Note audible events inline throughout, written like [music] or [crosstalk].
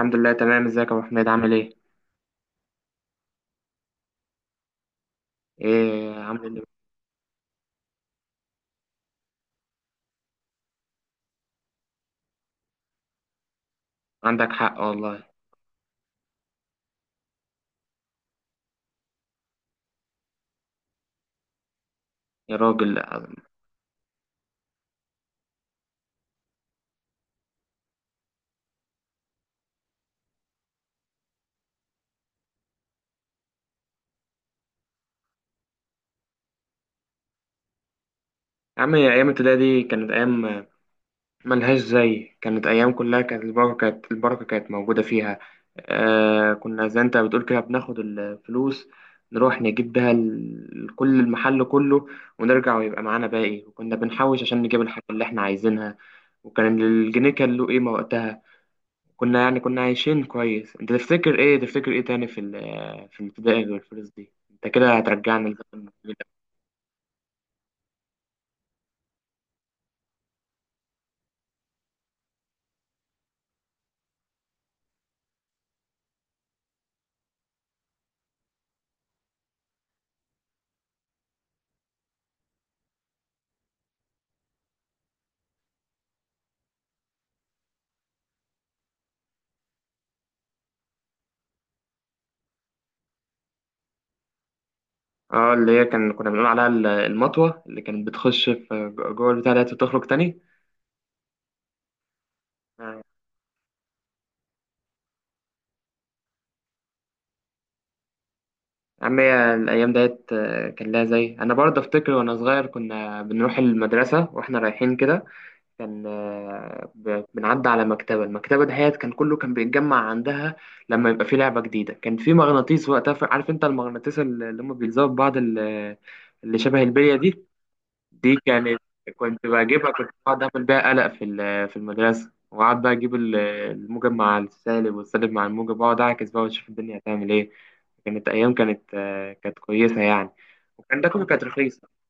الحمد لله تمام، ازيك يا ابو حميد؟ عامل ايه؟ ايه، عامل ايه؟ عندك حق والله. يا راجل يا. عم، ايام الابتدائي دي كانت ايام ملهاش زي، كانت ايام كلها كانت البركه كانت موجوده فيها. آه، كنا زي انت بتقول كده، بناخد الفلوس نروح نجيب بيها كل المحل كله ونرجع ويبقى معانا باقي، وكنا بنحوش عشان نجيب الحاجه اللي احنا عايزينها. وكان الجنيه كان له قيمه وقتها، كنا يعني كنا عايشين كويس. انت تفتكر ايه، تفتكر ايه تاني في في الابتدائي غير الفلوس دي؟ انت كده هترجعنا لزمن الجميل. اه، اللي هي كان كنا بنقول عليها المطوة اللي كانت بتخش في جوه البتاع ديت وتخرج تاني. آه. يا عم، هي الأيام ديت كان لها زي، أنا برضه أفتكر وأنا صغير كنا بنروح المدرسة وإحنا رايحين كده، كان بنعدي على المكتبة دهيت كان كله كان بيتجمع عندها لما يبقى في لعبة جديدة. كان في مغناطيس وقتها، عارف انت المغناطيس اللي هم بيلزقوا في بعض، اللي شبه البلية دي. دي كانت [laughs] كنت بجيبها، كنت بقعد اعمل بيها قلق في في المدرسة، وقعد بقى اجيب الموجب مع السالب والسالب مع الموجب، واقعد اعكس بقى واشوف الدنيا هتعمل ايه. كانت ايام كانت كانت كويسة يعني. وكان ده كله كانت رخيصة.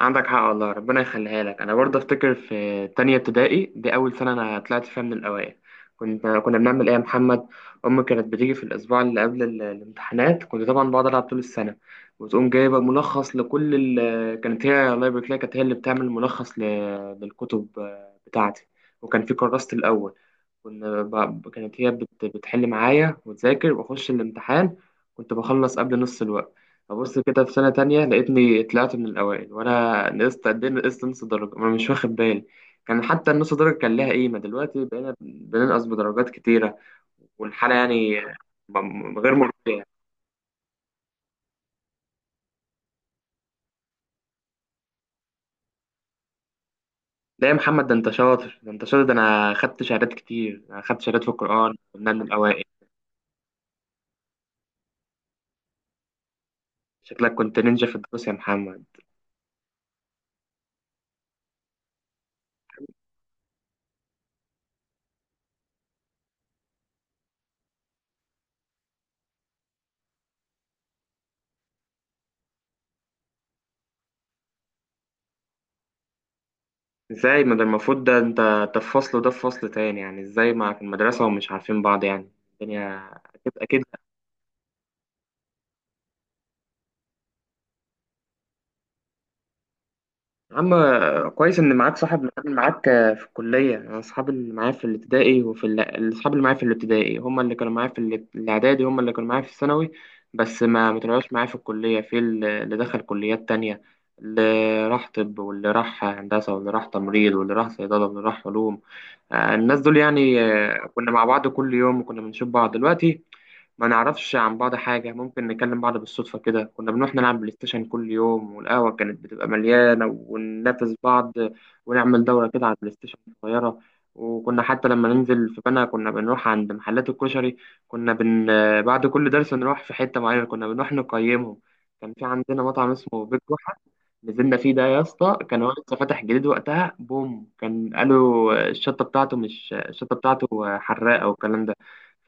عندك حق والله، ربنا يخليها لك. انا برضه افتكر في تانية ابتدائي دي اول سنه انا طلعت فيها من الاوائل. كنا بنعمل ايه يا محمد؟ امي كانت بتيجي في الاسبوع اللي قبل الامتحانات. كنت طبعا بقعد العب طول السنه، وتقوم جايبه ملخص لكل كانت هي، الله يبارك لها، كانت هي اللي بتعمل ملخص للكتب بتاعتي. وكان في كراسة الاول، كانت هي بتحل معايا وتذاكر، واخش الامتحان كنت بخلص قبل نص الوقت. أبص كده في سنة تانية لقيتني طلعت من الأوائل، وأنا نقصت قد إيه؟ نقصت نص درجة، ما أنا مش واخد بالي. كان حتى النص درجة كان لها قيمة، دلوقتي بقينا بننقص بدرجات كتيرة، والحالة يعني غير مرضية. لا يا محمد، ده أنت شاطر، ده أنت شاطر، ده أنا خدت شهادات كتير، أنا خدت شهادات في القرآن كنا من الأوائل. شكلك كنت نينجا في الدروس يا محمد. إزاي؟ ما ده المفروض ده أنت ده في فصل وده في فصل تاني، يعني إزاي مع في المدرسة ومش عارفين بعض؟ يعني الدنيا، أكيد أكيد. يا عم، كويس ان معاك صاحب معاك. في الكليه، انا اصحابي اللي معايا في الابتدائي وفي اصحابي اللي معايا في الابتدائي هم اللي كانوا معايا في الاعدادي، هم اللي كانوا معايا في الثانوي. بس ما طلعوش معايا في الكليه، في اللي دخل كليات تانية، اللي راح طب واللي راح هندسه واللي راح تمريض واللي راح صيدله واللي راح علوم. الناس دول يعني كنا مع بعض كل يوم، وكنا بنشوف بعض. دلوقتي ما نعرفش عن بعض حاجة، ممكن نكلم بعض بالصدفة. كده كنا بنروح نلعب بلاي ستيشن كل يوم، والقهوة كانت بتبقى مليانة وننافس بعض، ونعمل دورة كده على البلاي ستيشن صغيرة. وكنا حتى لما ننزل في بنا كنا بنروح عند محلات الكشري، كنا بن... بعد كل درس نروح في حتة معينة، كنا بنروح نقيمهم. كان في عندنا مطعم اسمه بيت جحا، نزلنا فيه ده يا اسطى، كان هو لسه فاتح جديد وقتها. بوم، كان قالوا الشطة بتاعته، مش الشطة بتاعته حراقة والكلام ده.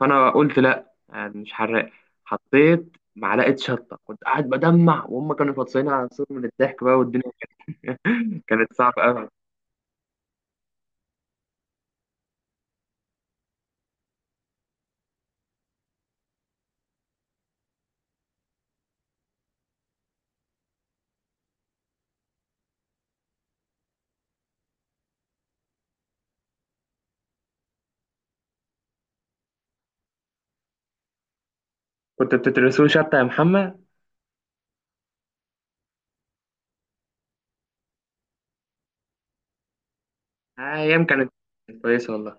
فأنا قلت لا، مش حراق. حطيت معلقه شطه، كنت قاعد بدمع، وهم كانوا فطسانين على نفسهم من الضحك بقى والدنيا [laughs] كانت صعبه قوي. كنت بتدرسوه شطه يا محمد؟ آه، ايام كانت كويسه والله.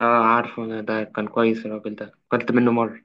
اه، عارفه، انا ده كان كويس الراجل ده، اكلت منه مره.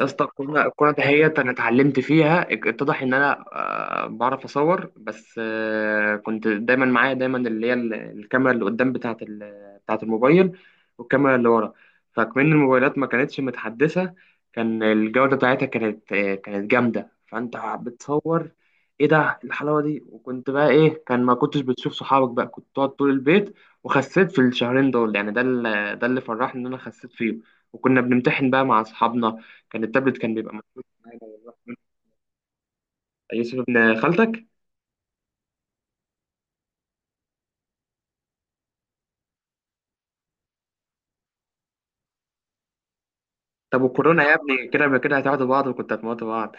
يا اسطى، الكورة الكورة دهيت أنا اتعلمت فيها، اتضح إن أنا بعرف أصور بس، كنت دايما معايا دايما اللي هي الكاميرا اللي قدام بتاعة بتاعة الموبايل والكاميرا اللي ورا. فكمان الموبايلات ما كانتش متحدثة، كان الجودة بتاعتها كانت جامدة، فأنت بتصور إيه ده، إيه الحلاوة دي؟ وكنت بقى إيه، كان ما كنتش بتشوف صحابك، بقى كنت تقعد طول البيت. وخسيت في الشهرين دول يعني، ده اللي فرحني إن أنا خسيت فيه. وكنا بنمتحن بقى مع أصحابنا، كان التابلت كان بيبقى مفروض معانا والله. يوسف ابن خالتك؟ طب والكورونا يا ابني، كده كده هتقعدوا بعض وكنت هتموتوا بعض.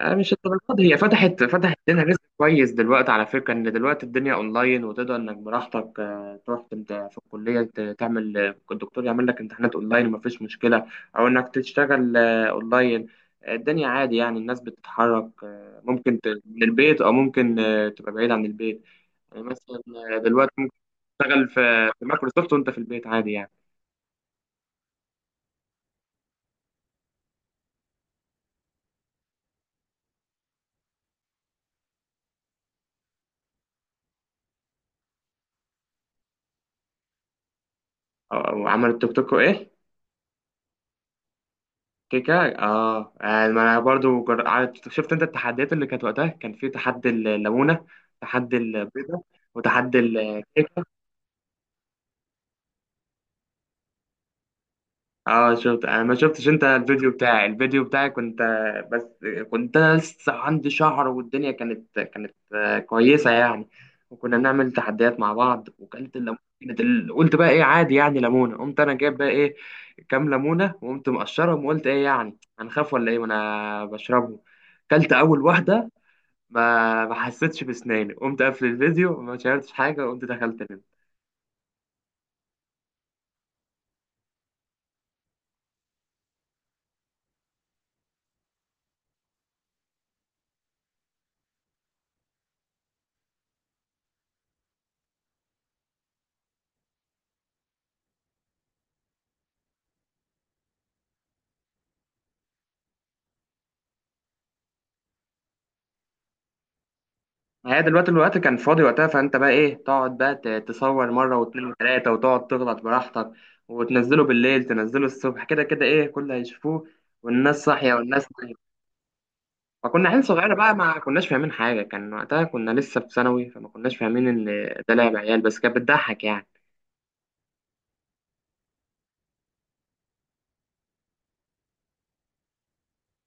آه، مش الدرجات دي. هي فتحت لنا رزق كويس دلوقتي على فكره، ان دلوقتي الدنيا اونلاين وتقدر انك براحتك تروح انت في الكليه تعمل، الدكتور يعمل لك امتحانات اونلاين ومفيش مشكله، او انك تشتغل اونلاين. الدنيا عادي يعني، الناس بتتحرك، ممكن من البيت او ممكن تبقى بعيد عن البيت. يعني مثلا دلوقتي ممكن تشتغل في مايكروسوفت وانت في البيت عادي يعني. آه، وعمل التوك توك وايه. كيكه. اه، يعني ما انا برضو شفت انت التحديات اللي كانت وقتها؟ كان في تحدي الليمونه، تحدي البيضه، وتحدي الكيكه. اه شفت، انا ما شفتش انت الفيديو بتاعي؟ الفيديو بتاعي كنت بس كنت أنا لسه عندي شهر، والدنيا كانت كويسه يعني، وكنا نعمل تحديات مع بعض. وكلت الليمونه كانت، قلت بقى ايه، عادي يعني ليمونه. قمت انا جايب بقى ايه، كام ليمونه، وقمت مقشرهم وقلت ايه يعني، هنخاف ولا ايه؟ وانا بشربهم، كلت اول واحده ما حسيتش بسناني، قمت قافل الفيديو ما شاهدتش حاجه وقمت دخلت. ما هي دلوقتي الوقت كان فاضي وقتها، فانت بقى ايه تقعد بقى تصور مره واتنين وتلاته، وتقعد تغلط براحتك وتنزله بالليل، تنزله الصبح، كده كده ايه كله هيشوفوه، والناس صاحيه والناس نايمه. فكنا عيال صغيره بقى، ما كناش فاهمين حاجه، كان وقتها كنا لسه في ثانوي، فما كناش فاهمين ان ده لعب عيال، بس كانت بتضحك يعني.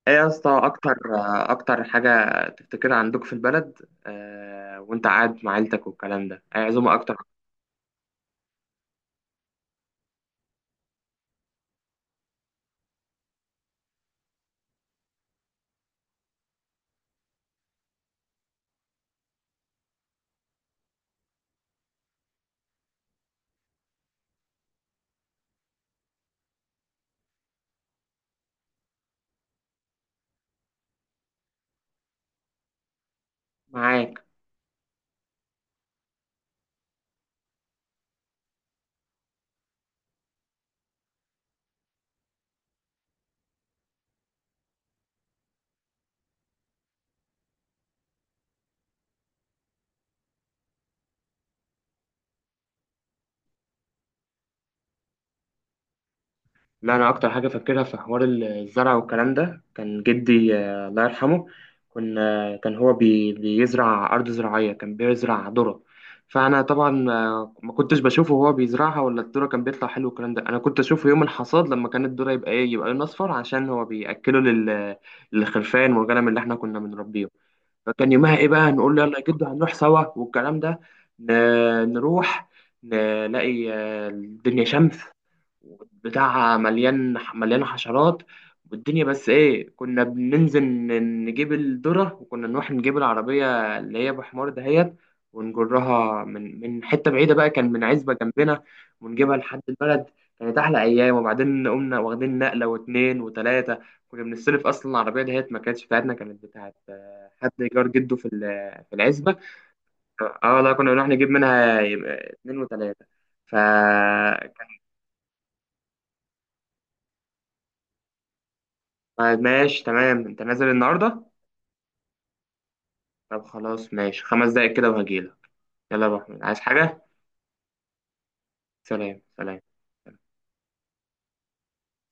ايه يا اسطى، اكتر حاجه تفتكرها عندك في البلد، آه، وانت قاعد مع عيلتك والكلام ده؟ اي عزومه اكتر؟ معاك. لا، انا اكتر حاجه فاكرها في حوار الزرع والكلام ده، كان جدي الله يرحمه، كنا كان هو بيزرع ارض زراعيه، كان بيزرع ذره. فانا طبعا ما كنتش بشوفه وهو بيزرعها ولا الذره كان بيطلع حلو والكلام ده، انا كنت اشوفه يوم الحصاد لما كانت الذره يبقى ايه، يبقى لون اصفر عشان هو بياكله للخرفان والغنم اللي احنا كنا بنربيه. فكان يومها ايه بقى، نقول له يلا يا جدو هنروح سوا والكلام ده، ن- نروح نلاقي الدنيا شمس بتاعها، مليان مليان حشرات. والدنيا بس ايه، كنا بننزل نجيب الذرة، وكنا نروح نجيب العربية اللي هي بحمار دهيت، ونجرها من حتة بعيدة بقى، كان من عزبة جنبنا، ونجيبها لحد البلد. كانت أحلى أيام، وبعدين قمنا واخدين نقلة واتنين وتلاتة. كنا بنستلف أصلا العربية دهيت، ما كانتش بتاعتنا، كانت بتاعت حد جار جده في العزبة. اه لا، كنا بنروح نجيب منها يبقى اتنين وتلاتة، ف. طيب ماشي، تمام. انت نازل النهارده؟ طب خلاص، ماشي، 5 دقايق كده وهجيلك. يلا يا ابو احمد، عايز حاجه؟ سلام، سلام.